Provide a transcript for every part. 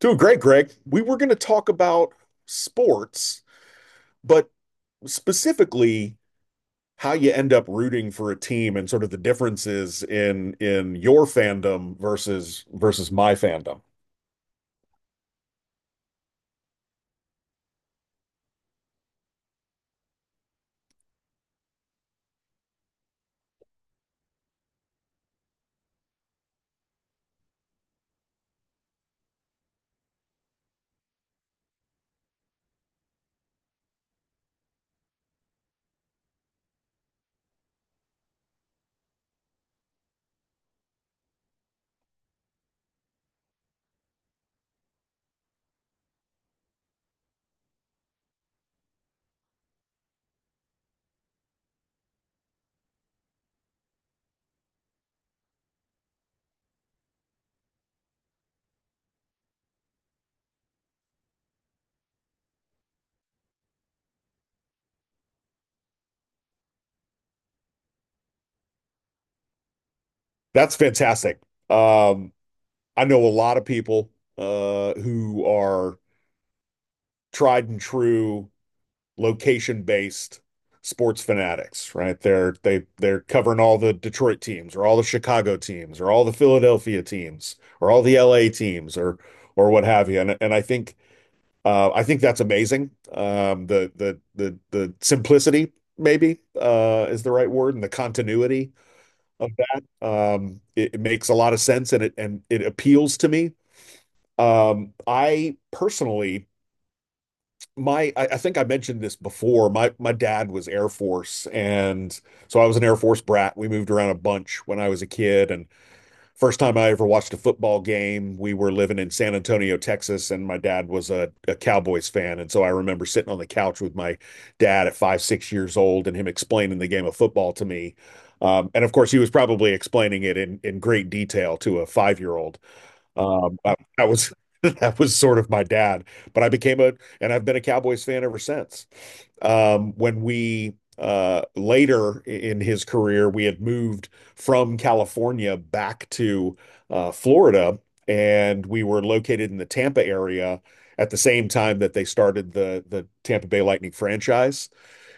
Doing great, Greg. We were going to talk about sports, but specifically how you end up rooting for a team and sort of the differences in your fandom versus my fandom. That's fantastic. Um, I know a lot of people who are tried and true location-based sports fanatics, right? They're covering all the Detroit teams or all the Chicago teams or all the Philadelphia teams or all the LA teams or what have you. And I think that's amazing. The simplicity maybe is the right word and the continuity of that. It makes a lot of sense and it appeals to me. I personally I think I mentioned this before. My dad was Air Force, and so I was an Air Force brat. We moved around a bunch when I was a kid, and first time I ever watched a football game, we were living in San Antonio, Texas, and my dad was a Cowboys fan, and so I remember sitting on the couch with my dad at five, 6 years old, and him explaining the game of football to me. And of course, he was probably explaining it in great detail to a 5 year old. That was that was sort of my dad, but I've been a Cowboys fan ever since. When we later in his career, we had moved from California back to Florida, and we were located in the Tampa area at the same time that they started the Tampa Bay Lightning franchise.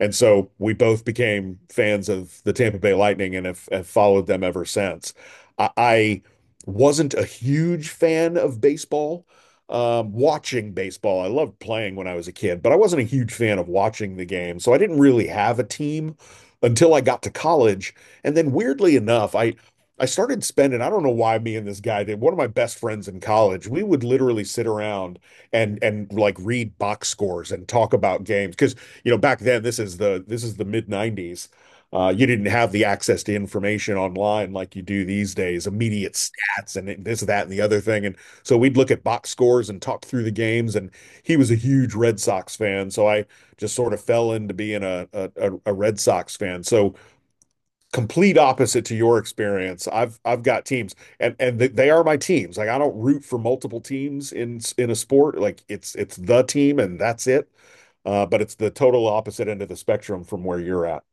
And so we both became fans of the Tampa Bay Lightning and have followed them ever since. I wasn't a huge fan of baseball, watching baseball. I loved playing when I was a kid, but I wasn't a huge fan of watching the game. So I didn't really have a team until I got to college. And then weirdly enough, I started spending, I don't know why me and this guy did. One of my best friends in college, we would literally sit around and like read box scores and talk about games because you know, back then, this is the mid-90s. You didn't have the access to information online like you do these days, immediate stats and this, that, and the other thing. And so we'd look at box scores and talk through the games. And he was a huge Red Sox fan, so I just sort of fell into being a Red Sox fan. So complete opposite to your experience. I've got teams and th they are my teams. Like I don't root for multiple teams in a sport. Like it's the team and that's it. But it's the total opposite end of the spectrum from where you're at.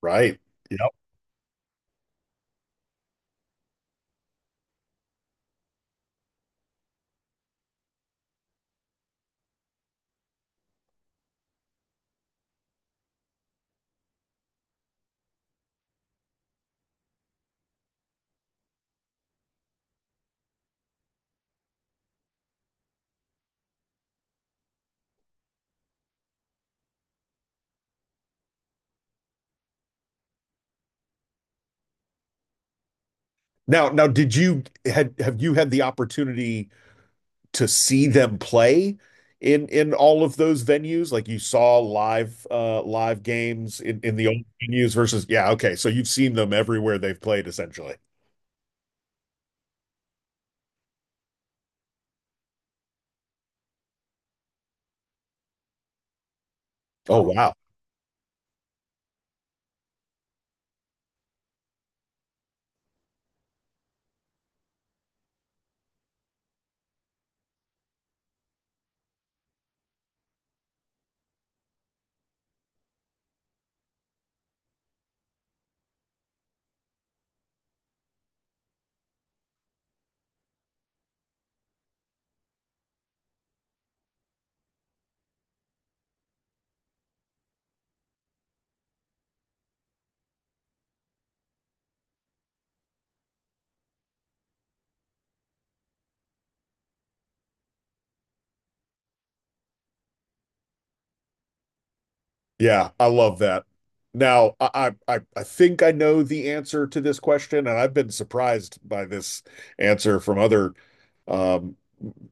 Right. Yep. Now, did you had have you had the opportunity to see them play in all of those venues? Like you saw live live games in the old venues versus yeah, okay. So you've seen them everywhere they've played essentially. Oh, wow. Yeah, I love that. Now, I think I know the answer to this question, and I've been surprised by this answer from other um,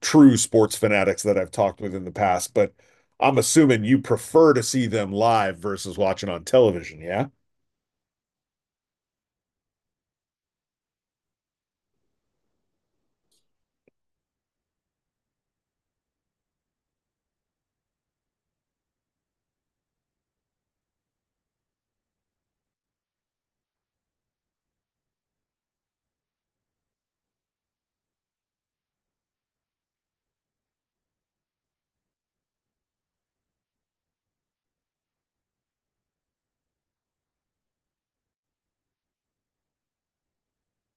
true sports fanatics that I've talked with in the past. But I'm assuming you prefer to see them live versus watching on television. Yeah.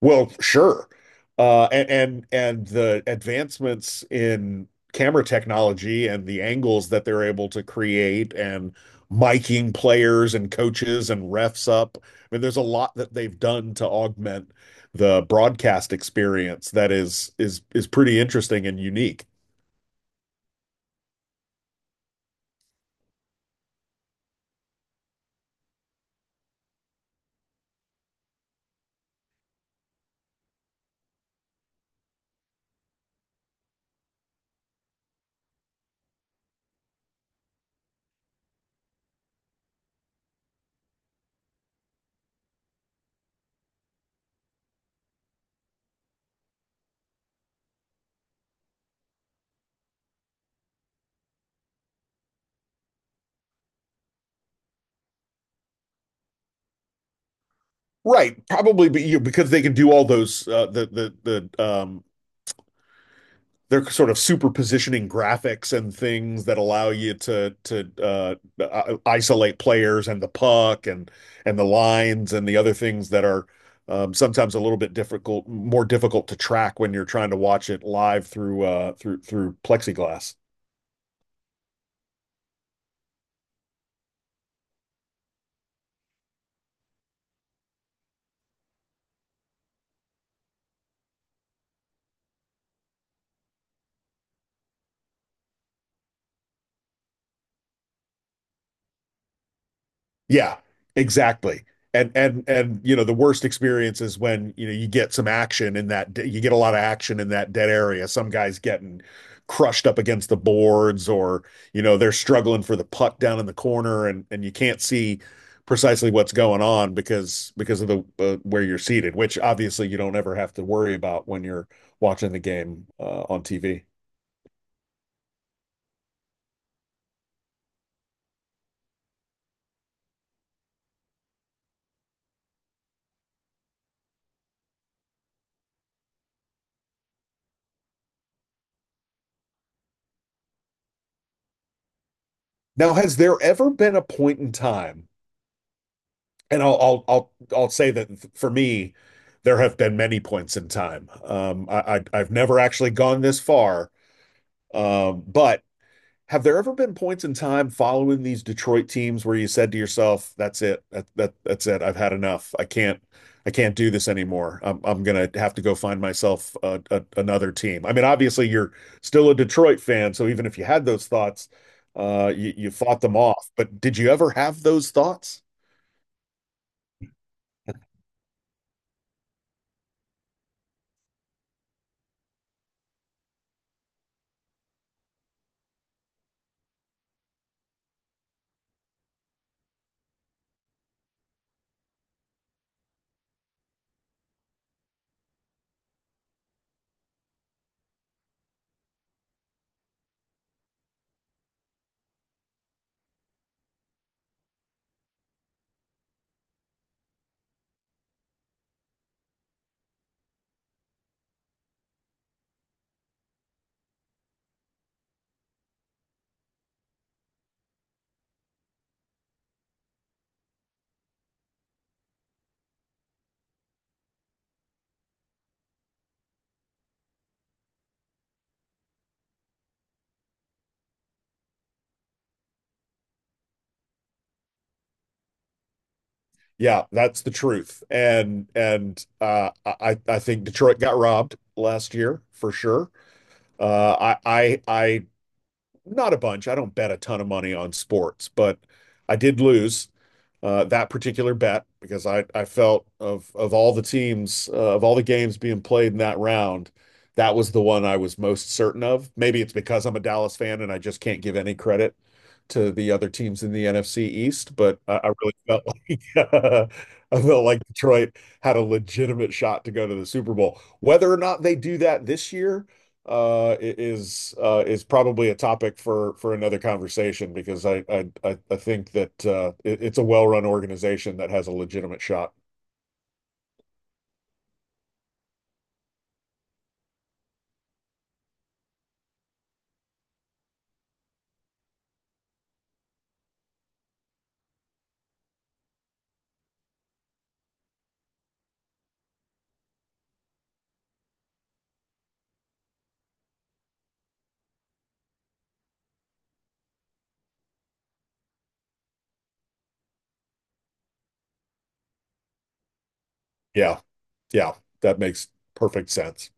Well, sure. And the advancements in camera technology and the angles that they're able to create and miking players and coaches and refs up. I mean, there's a lot that they've done to augment the broadcast experience that is pretty interesting and unique. Right, probably be, you because they can do all those they're sort of superpositioning graphics and things that allow you to isolate players and the puck and the lines and the other things that are sometimes a little bit difficult, more difficult to track when you're trying to watch it live through through plexiglass. Yeah, exactly. And you know the worst experience is when you get a lot of action in that dead area. Some guy's getting crushed up against the boards, or you know they're struggling for the puck down in the corner, and you can't see precisely what's going on because of the where you're seated, which obviously you don't ever have to worry about when you're watching the game on TV. Now, has there ever been a point in time and I'll say that for me, there have been many points in time. I I've never actually gone this far. But have there ever been points in time following these Detroit teams where you said to yourself, "That's it. That's it. I've had enough. I can't do this anymore. I'm gonna have to go find myself another team." I mean, obviously you're still a Detroit fan, so even if you had those thoughts, you fought them off. But did you ever have those thoughts? Yeah, that's the truth. And I think Detroit got robbed last year for sure. I Not a bunch. I don't bet a ton of money on sports, but I did lose that particular bet because I felt of all the teams of all the games being played in that round, that was the one I was most certain of. Maybe it's because I'm a Dallas fan and I just can't give any credit to the other teams in the NFC East, but I really felt like uh, I felt like Detroit had a legitimate shot to go to the Super Bowl. Whether or not they do that this year is probably a topic for another conversation because I think that it's a well-run organization that has a legitimate shot. Yeah, yeah, that makes perfect sense.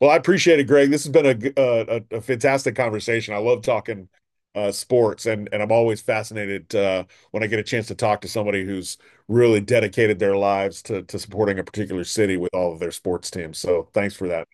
Well, I appreciate it, Greg. This has been a fantastic conversation. I love talking sports, and I'm always fascinated when I get a chance to talk to somebody who's really dedicated their lives to supporting a particular city with all of their sports teams. So thanks for that.